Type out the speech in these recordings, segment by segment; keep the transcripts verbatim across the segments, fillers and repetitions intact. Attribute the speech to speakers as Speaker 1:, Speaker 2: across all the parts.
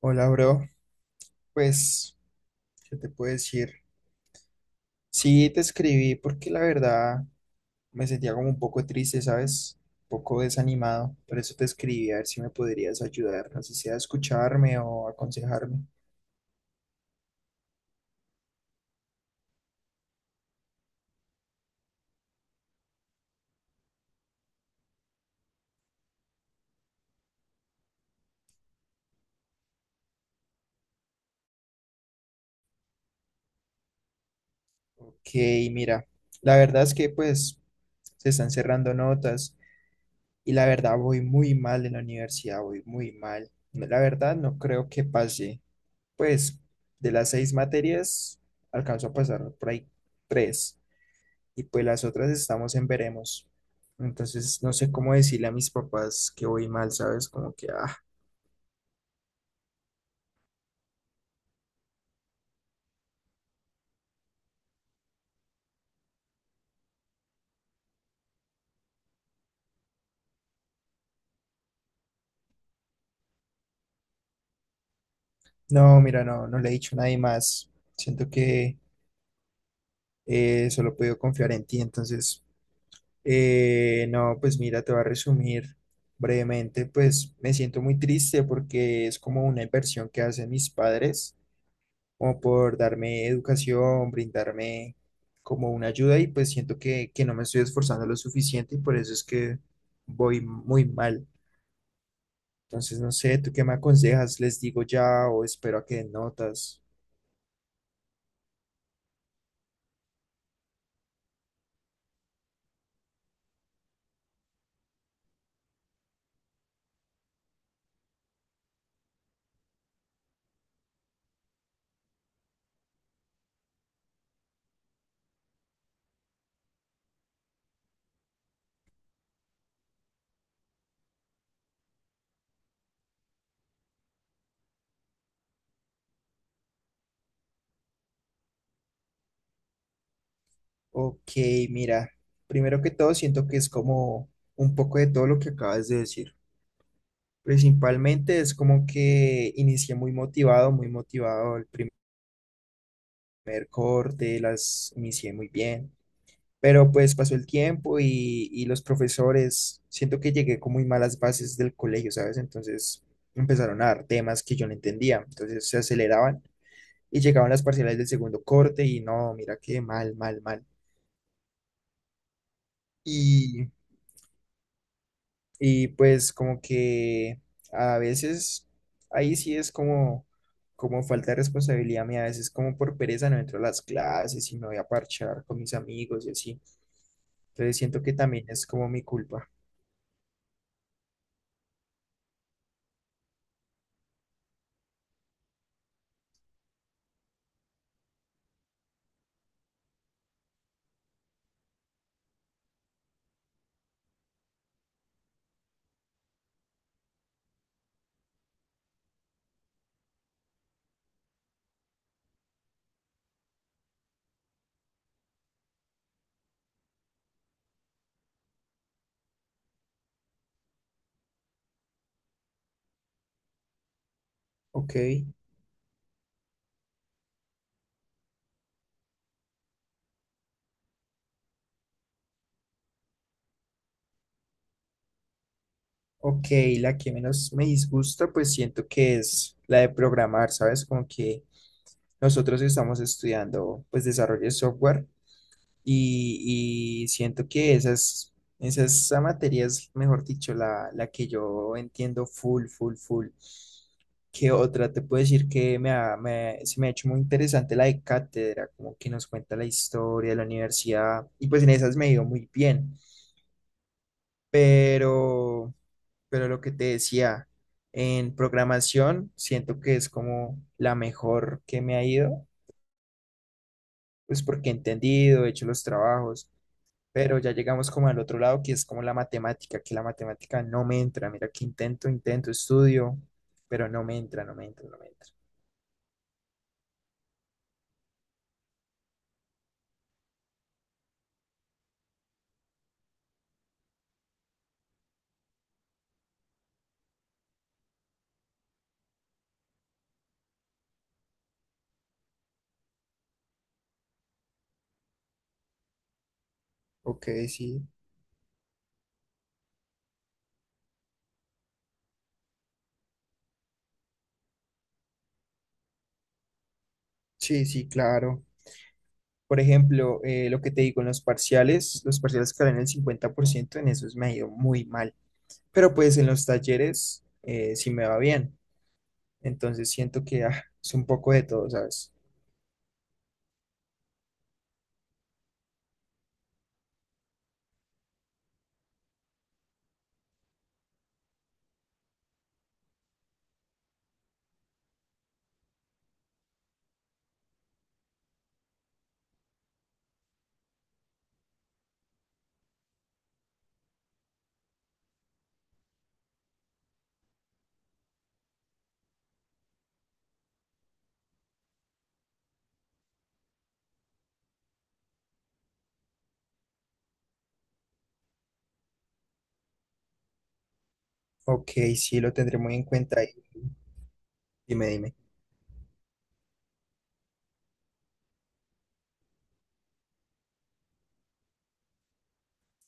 Speaker 1: Hola, bro. Pues, ¿qué te puedo decir? Sí, te escribí porque la verdad me sentía como un poco triste, ¿sabes? Un poco desanimado. Por eso te escribí a ver si me podrías ayudar, así sea a escucharme o aconsejarme. Ok, mira, la verdad es que pues se están cerrando notas y la verdad voy muy mal en la universidad, voy muy mal. No, la verdad no creo que pase, pues de las seis materias alcanzo a pasar por ahí tres. Y pues las otras estamos en veremos. Entonces, no sé cómo decirle a mis papás que voy mal, ¿sabes? Como que, ah, no, mira, no, no le he dicho a nadie más. Siento que eh, solo puedo confiar en ti. Entonces, eh, no, pues mira, te voy a resumir brevemente. Pues me siento muy triste porque es como una inversión que hacen mis padres como por darme educación, brindarme como una ayuda y pues siento que, que no me estoy esforzando lo suficiente y por eso es que voy muy mal. Entonces, no sé, ¿tú qué me aconsejas? ¿Les digo ya o espero a que den notas? Ok, mira, primero que todo siento que es como un poco de todo lo que acabas de decir. Principalmente es como que inicié muy motivado, muy motivado el primer corte, las inicié muy bien. Pero pues pasó el tiempo y, y los profesores, siento que llegué con muy malas bases del colegio, ¿sabes? Entonces empezaron a dar temas que yo no entendía, entonces se aceleraban y llegaban las parciales del segundo corte y no, mira qué mal, mal, mal. Y, y pues como que a veces ahí sí es como, como falta de responsabilidad mía, a veces como por pereza no entro a las clases y me voy a parchar con mis amigos y así. Entonces siento que también es como mi culpa. Ok. Ok, la que menos me disgusta, pues siento que es la de programar, ¿sabes? Como que nosotros estamos estudiando, pues, desarrollo de software y, y siento que esas, esas, esa materia es, mejor dicho, la, la que yo entiendo full, full, full. ¿Qué otra? Te puedo decir que me ha- me- se me ha hecho muy interesante la de cátedra, como que nos cuenta la historia de la universidad y pues en esas me ha ido muy bien, pero lo que te decía, en programación siento que es como la mejor que me ha ido, pues porque he entendido, he hecho los trabajos, pero ya llegamos como al otro lado que es como la matemática, que la matemática no me entra, mira que intento, intento, estudio, pero no me entra, no me entra, no me entra. Ok, sí, sí, sí, claro. Por ejemplo, eh, lo que te digo en los parciales, los parciales, que en el cincuenta por ciento en esos me ha ido muy mal, pero pues en los talleres eh, sí me va bien. Entonces siento que ah, es un poco de todo, ¿sabes? Ok, sí, lo tendré muy en cuenta y dime, dime.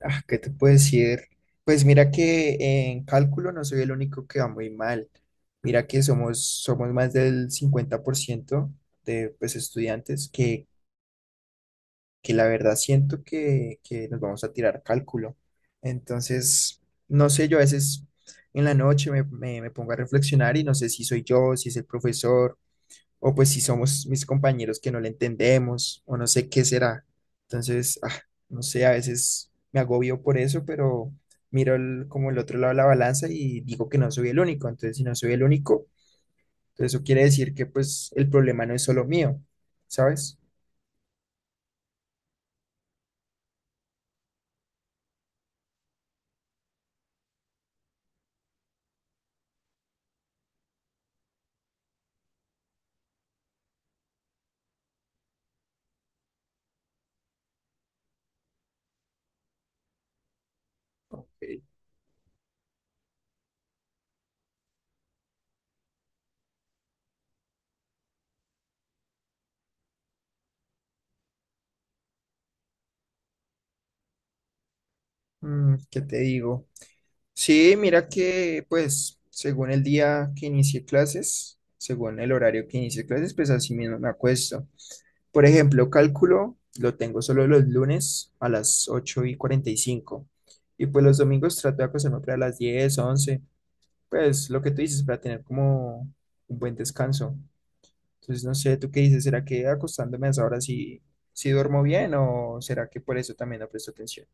Speaker 1: Ah, ¿qué te puedo decir? Pues mira que en cálculo no soy el único que va muy mal. Mira que somos, somos más del cincuenta por ciento de pues, estudiantes que, que la verdad siento que, que nos vamos a tirar cálculo. Entonces, no sé, yo a veces en la noche me, me me pongo a reflexionar y no sé si soy yo, si es el profesor, o pues si somos mis compañeros que no le entendemos, o no sé qué será. Entonces, ah, no sé, a veces me agobio por eso, pero miro el- como el otro lado de la balanza y digo que no soy el único. Entonces, si no soy el único, entonces eso quiere decir que pues el problema no es solo mío, ¿sabes? Ok. Mm, ¿qué te digo? Sí, mira que pues según el día que inicie clases, según el horario que inicie clases, pues así mismo me acuesto. Por ejemplo, cálculo lo tengo solo los lunes a las ocho y cuarenta y cinco y pues los domingos trato de acostarme para las diez, once. Pues lo que tú dices, para tener como un buen descanso. Entonces, no sé, ¿tú qué dices? ¿Será que acostándome a esa hora sí, sí duermo bien o será que por eso también no presto atención?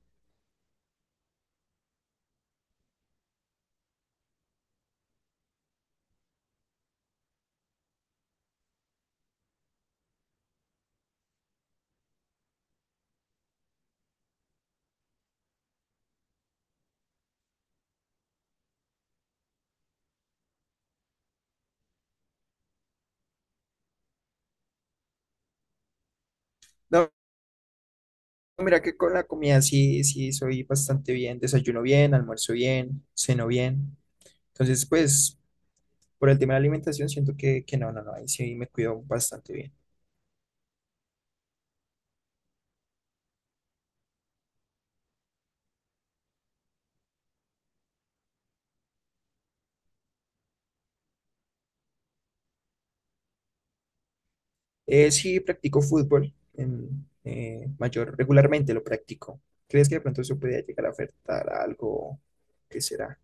Speaker 1: No, mira que con la comida sí, sí soy bastante bien, desayuno bien, almuerzo bien, ceno bien. Entonces, pues, por el tema de la alimentación, siento que, que no, no, no, ahí sí me cuido bastante bien. Eh, sí, practico fútbol en, eh, mayor, regularmente lo practico. ¿Crees que de pronto eso podría llegar a afectar a algo? ¿Qué será?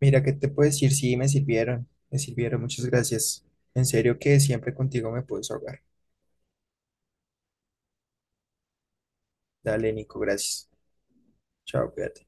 Speaker 1: Mira, ¿qué te puedo decir? Sí, me sirvieron, me sirvieron, muchas gracias. En serio que siempre contigo me puedes ahogar. Dale, Nico, gracias. Chao, cuídate.